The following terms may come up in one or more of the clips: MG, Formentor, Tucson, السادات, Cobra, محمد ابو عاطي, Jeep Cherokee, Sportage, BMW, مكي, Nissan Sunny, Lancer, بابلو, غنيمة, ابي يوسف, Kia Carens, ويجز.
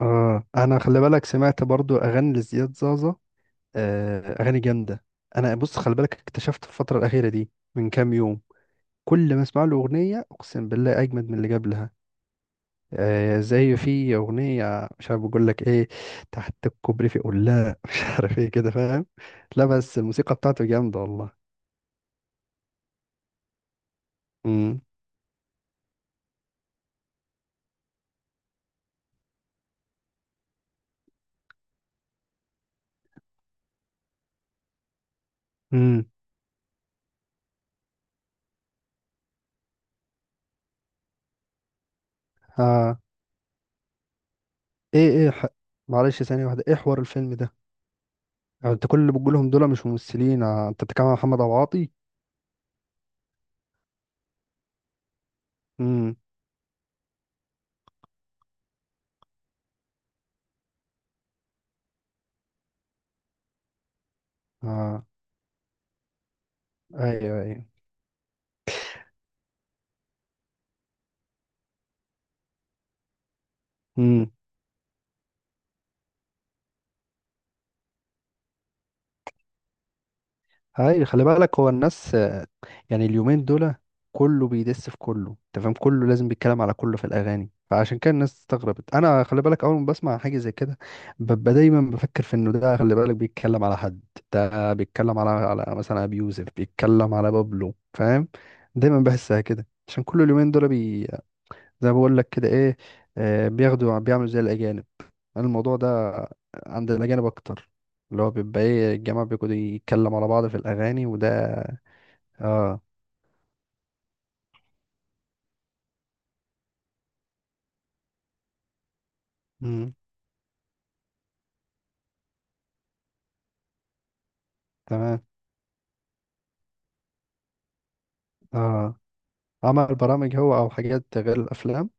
اه، انا خلي بالك سمعت برضو اغاني لزياد زازا. اغاني جامده. انا بص خلي بالك اكتشفت في الفتره الاخيره دي من كام يوم كل ما اسمع له اغنيه اقسم بالله اجمد من اللي قبلها. زي في اغنيه مش عارف بقول لك ايه، تحت الكوبري في قلاع مش عارف ايه كده فاهم. لا بس الموسيقى بتاعته جامده والله. امم امم. اه. ايه ايه ح... معلش ثانيه واحده، ايه حوار الفيلم ده؟ انت كل اللي بتقولهم دول مش ممثلين؟ انت بتتكلم عن محمد ابو عاطي. امم. اه. ايوه. امم. ايوه خلي بالك هو الناس، يعني اليومين دول كله بيدس في كله، انت فاهم، كله لازم بيتكلم على كله في الاغاني، فعشان كده الناس استغربت. انا خلي بالك اول ما بسمع حاجه زي كده ببقى دايما بفكر في انه ده خلي بالك بيتكلم على حد، ده بيتكلم على مثلا ابي يوسف بيتكلم على بابلو، فاهم. دايما بحسها كده عشان كل اليومين دول بي، زي ما بقول لك كده ايه، بياخدوا بيعملوا زي الاجانب. أنا الموضوع ده عند الأجانب أكتر، اللي هو بيبقى إيه الجماعة بيقعدوا يتكلم على بعض في الأغاني وده. آه. مم. تمام. آه. عمل برامج هو أو حاجات غير الأفلام؟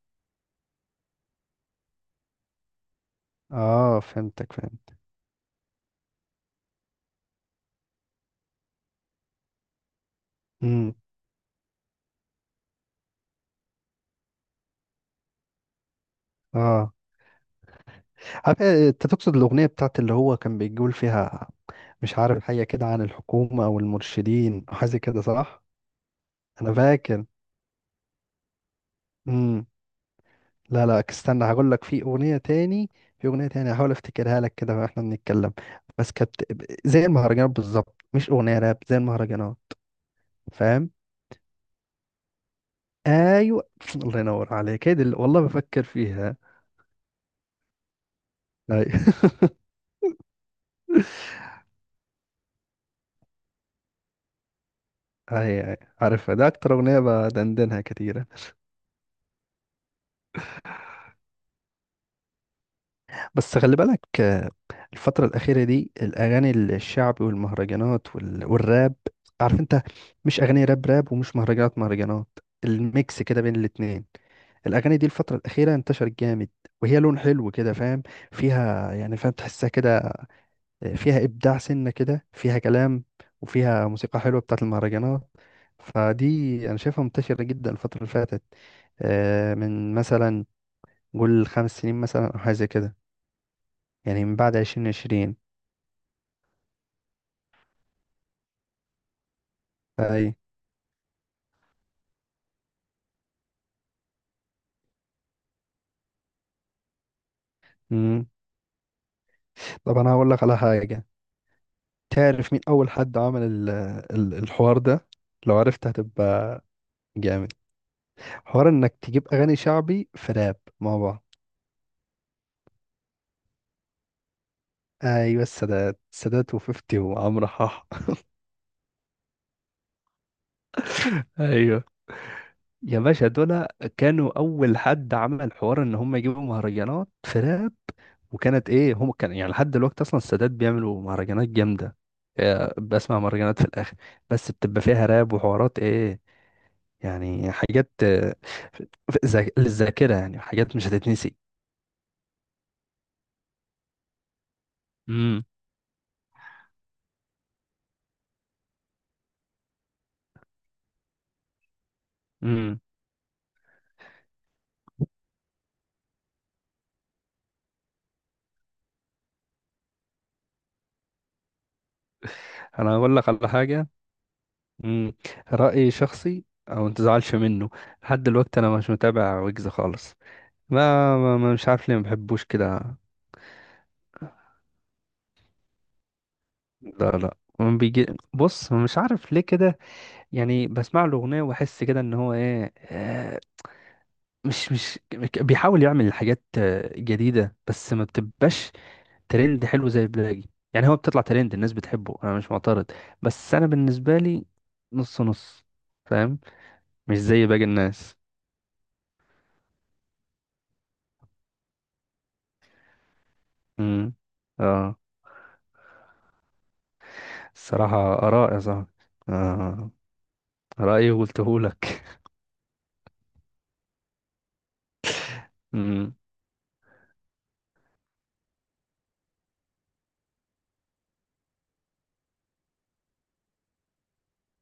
آه فهمتك، فهمت. مم. آه. عارف إيه، أنت تقصد الأغنية بتاعت اللي هو كان بيقول فيها مش عارف حاجة كده عن الحكومة أو المرشدين أو حاجة كده، صح؟ أنا فاكر. مم. لا استنى هقول لك، في اغنيه تاني، في اغنيه تاني هحاول افتكرها لك كده واحنا بنتكلم. بس كانت زي المهرجانات بالظبط، مش اغنيه راب، زي المهرجانات. فاهم. ايوه الله ينور عليك، هي دي والله بفكر فيها. اي اي، عارفها، ده اكتر اغنيه بدندنها كتير. بس خلي بالك، الفترة الأخيرة دي الأغاني الشعبي والمهرجانات والراب، عارف أنت، مش أغاني راب راب ومش مهرجانات مهرجانات، الميكس كده بين الاتنين. الأغاني دي الفترة الأخيرة انتشرت جامد، وهي لون حلو كده فاهم، فيها يعني فاهم تحسها كده، فيها إبداع سنة كده، فيها كلام، وفيها موسيقى حلوة بتاعت المهرجانات. فدي أنا شايفها منتشرة جدا الفترة اللي فاتت، من مثلا قول 5 سنين مثلا أو حاجة زي كده، يعني من بعد 2020. اي. مم. طب انا هقول لك على حاجة، تعرف مين اول حد عمل الحوار ده؟ لو عرفت هتبقى جامد. حوار انك تجيب اغاني شعبي في راب مع بعض. ايوه السادات وفيفتي وعمرو حاح. ايوه. يا باشا دول كانوا اول حد عمل حوار ان هم يجيبوا مهرجانات في راب، وكانت ايه، هم كان يعني لحد دلوقتي اصلا السادات بيعملوا مهرجانات جامده. بسمع مهرجانات في الاخر بس بتبقى فيها راب وحوارات ايه، يعني حاجات للذاكرة، يعني حاجات مش هتتنسي. امم امم. انا اقول لك على حاجه. امم. رايي شخصي او ما تزعلش منه، لحد دلوقتي انا مش متابع ويجز خالص. مش عارف ليه ما بحبوش كده. لا ما بيجي. بص مش عارف ليه كده، يعني بسمع له اغنيه واحس كده ان هو ايه، مش بيحاول يعمل حاجات جديده بس ما بتبقاش ترند حلو زي البلاجي، يعني هو بتطلع ترند الناس بتحبه انا مش معترض، بس انا بالنسبه لي نص نص. فاهم. مش زي باقي الناس. امم. اه. الصراحه اراء يا صاحبي. اه. رايي وقلته لك. امم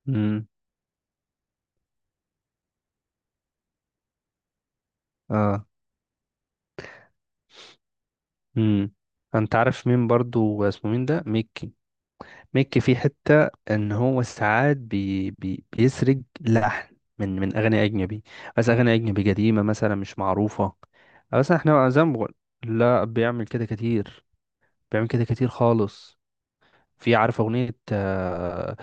امم اه. امم. انت عارف مين برضو اسمه مين ده، ميك، ميكي، في حتة ان هو ساعات بي بي بيسرق لحن من اغاني اجنبي، بس اغاني اجنبي قديمة مثلا مش معروفة. بس احنا زي ما بقول، لا بيعمل كده كتير، بيعمل كده كتير خالص. في عارف اغنية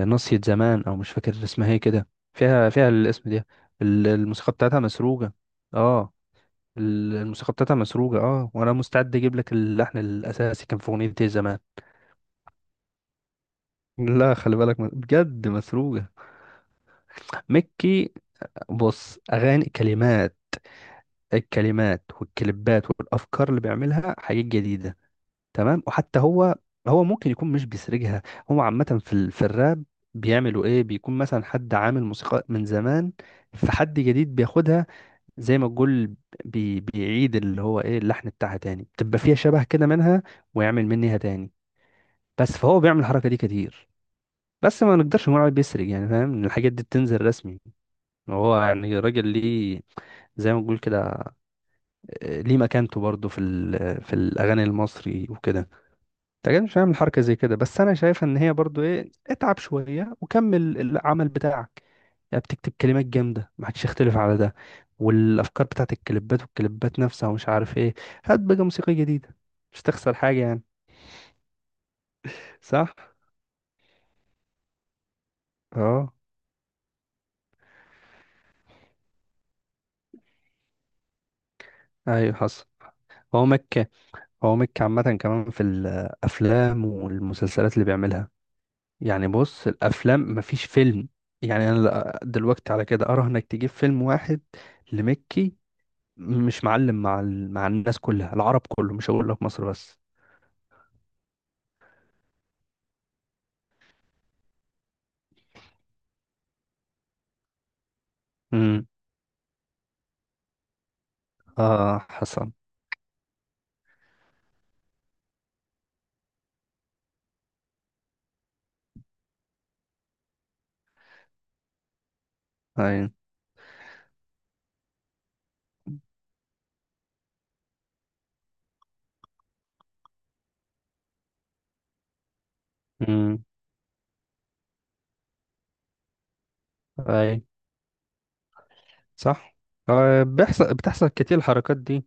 ناصية زمان او مش فاكر اسمها ايه كده، فيها الاسم ده. الموسيقى بتاعتها مسروقة. اه. الموسيقى بتاعتها مسروقة، اه، وانا مستعد اجيب لك اللحن الاساسي كان في اغنية إيه زمان. لا خلي بالك بجد مسروقة. مكي بص، اغاني كلمات، الكلمات والكليبات والافكار اللي بيعملها حاجات جديده، تمام، وحتى هو، هو ممكن يكون مش بيسرجها. هو عامه في ال... في الراب بيعملوا ايه، بيكون مثلا حد عامل موسيقى من زمان، فحد جديد بياخدها، زي ما تقول بيعيد اللي هو ايه اللحن بتاعها تاني، بتبقى فيها شبه كده منها، ويعمل منها تاني. بس فهو بيعمل الحركه دي كتير، بس ما نقدرش نقول عليه بيسرق يعني، فاهم، إن الحاجات دي بتنزل رسمي. هو يعني راجل ليه، زي ما بنقول كده، ليه مكانته برضه في في الاغاني المصري وكده. انت أكيد مش هعمل حركه زي كده، بس انا شايف ان هي برضه ايه، اتعب شويه وكمل العمل بتاعك، يعني بتكتب كلمات جامده ما حدش يختلف على ده، والافكار بتاعت الكليبات والكليبات نفسها ومش عارف ايه، هات بقى موسيقى جديده، مش تخسر حاجه يعني. صح. اه. ايوه حصل. هو مكة، هو مكة عامة كمان في الأفلام والمسلسلات اللي بيعملها، يعني بص الافلام مفيش فيلم، يعني انا دلوقتي على كده اراهنك انك تجيب فيلم واحد لمكي مش معلم مع ال... مع الناس كلها، العرب كله، مش هقول لك مصر بس. امم. اه حسن. اي. امم. اي. صح. آه بيحصل، بتحصل كتير الحركات دي،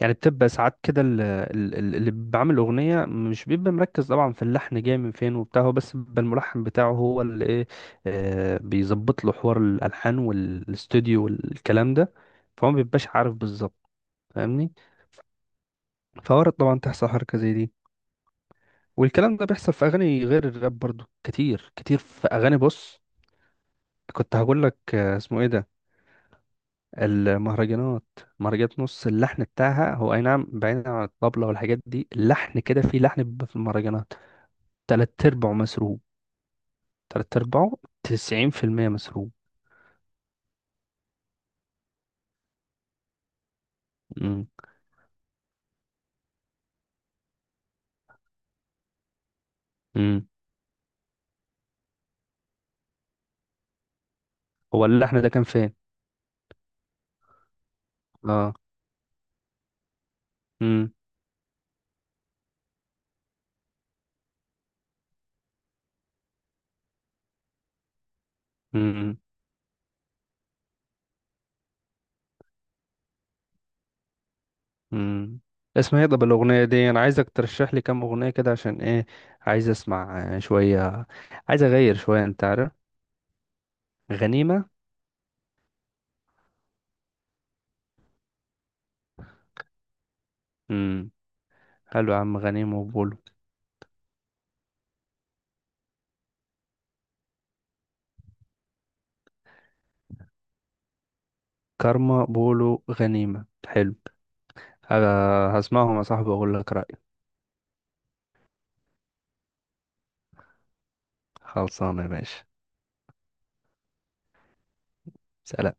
يعني بتبقى ساعات كده اللي بعمل اغنيه مش بيبقى مركز طبعا في اللحن جاي من فين وبتاع، هو بس بيبقى الملحن بتاعه هو اللي ايه، بيظبط له حوار الالحان والاستوديو والكلام ده، فهو ما بيبقاش عارف بالظبط. فاهمني. فورد طبعا تحصل حركه زي دي، والكلام ده بيحصل في اغاني غير الراب برضو كتير كتير، في اغاني بص. كنت هقول لك اسمه ايه ده، المهرجانات، مهرجانات نص اللحن بتاعها هو اي نعم بعيدا عن الطبلة والحاجات دي، اللحن كده، في لحن بيبقى في المهرجانات تلات ارباعه مسروق، تلات ارباعه، 90% مسروق. مم. مم. هو اللحن ده كان فين؟ اه. مم. مم. مم. اسمها ايه طب الاغنية دي؟ انا عايزك ترشح لي كام اغنية كده عشان ايه، عايز اسمع شوية، عايز اغير شوية انت عارف. غنيمة. مم. حلو يا عم، غنيمة وبولو. كارما، بولو، غنيمة، حلو. هسمعهم يا صاحبي واقول لك رأيي. خلصانه يا باشا. سلام.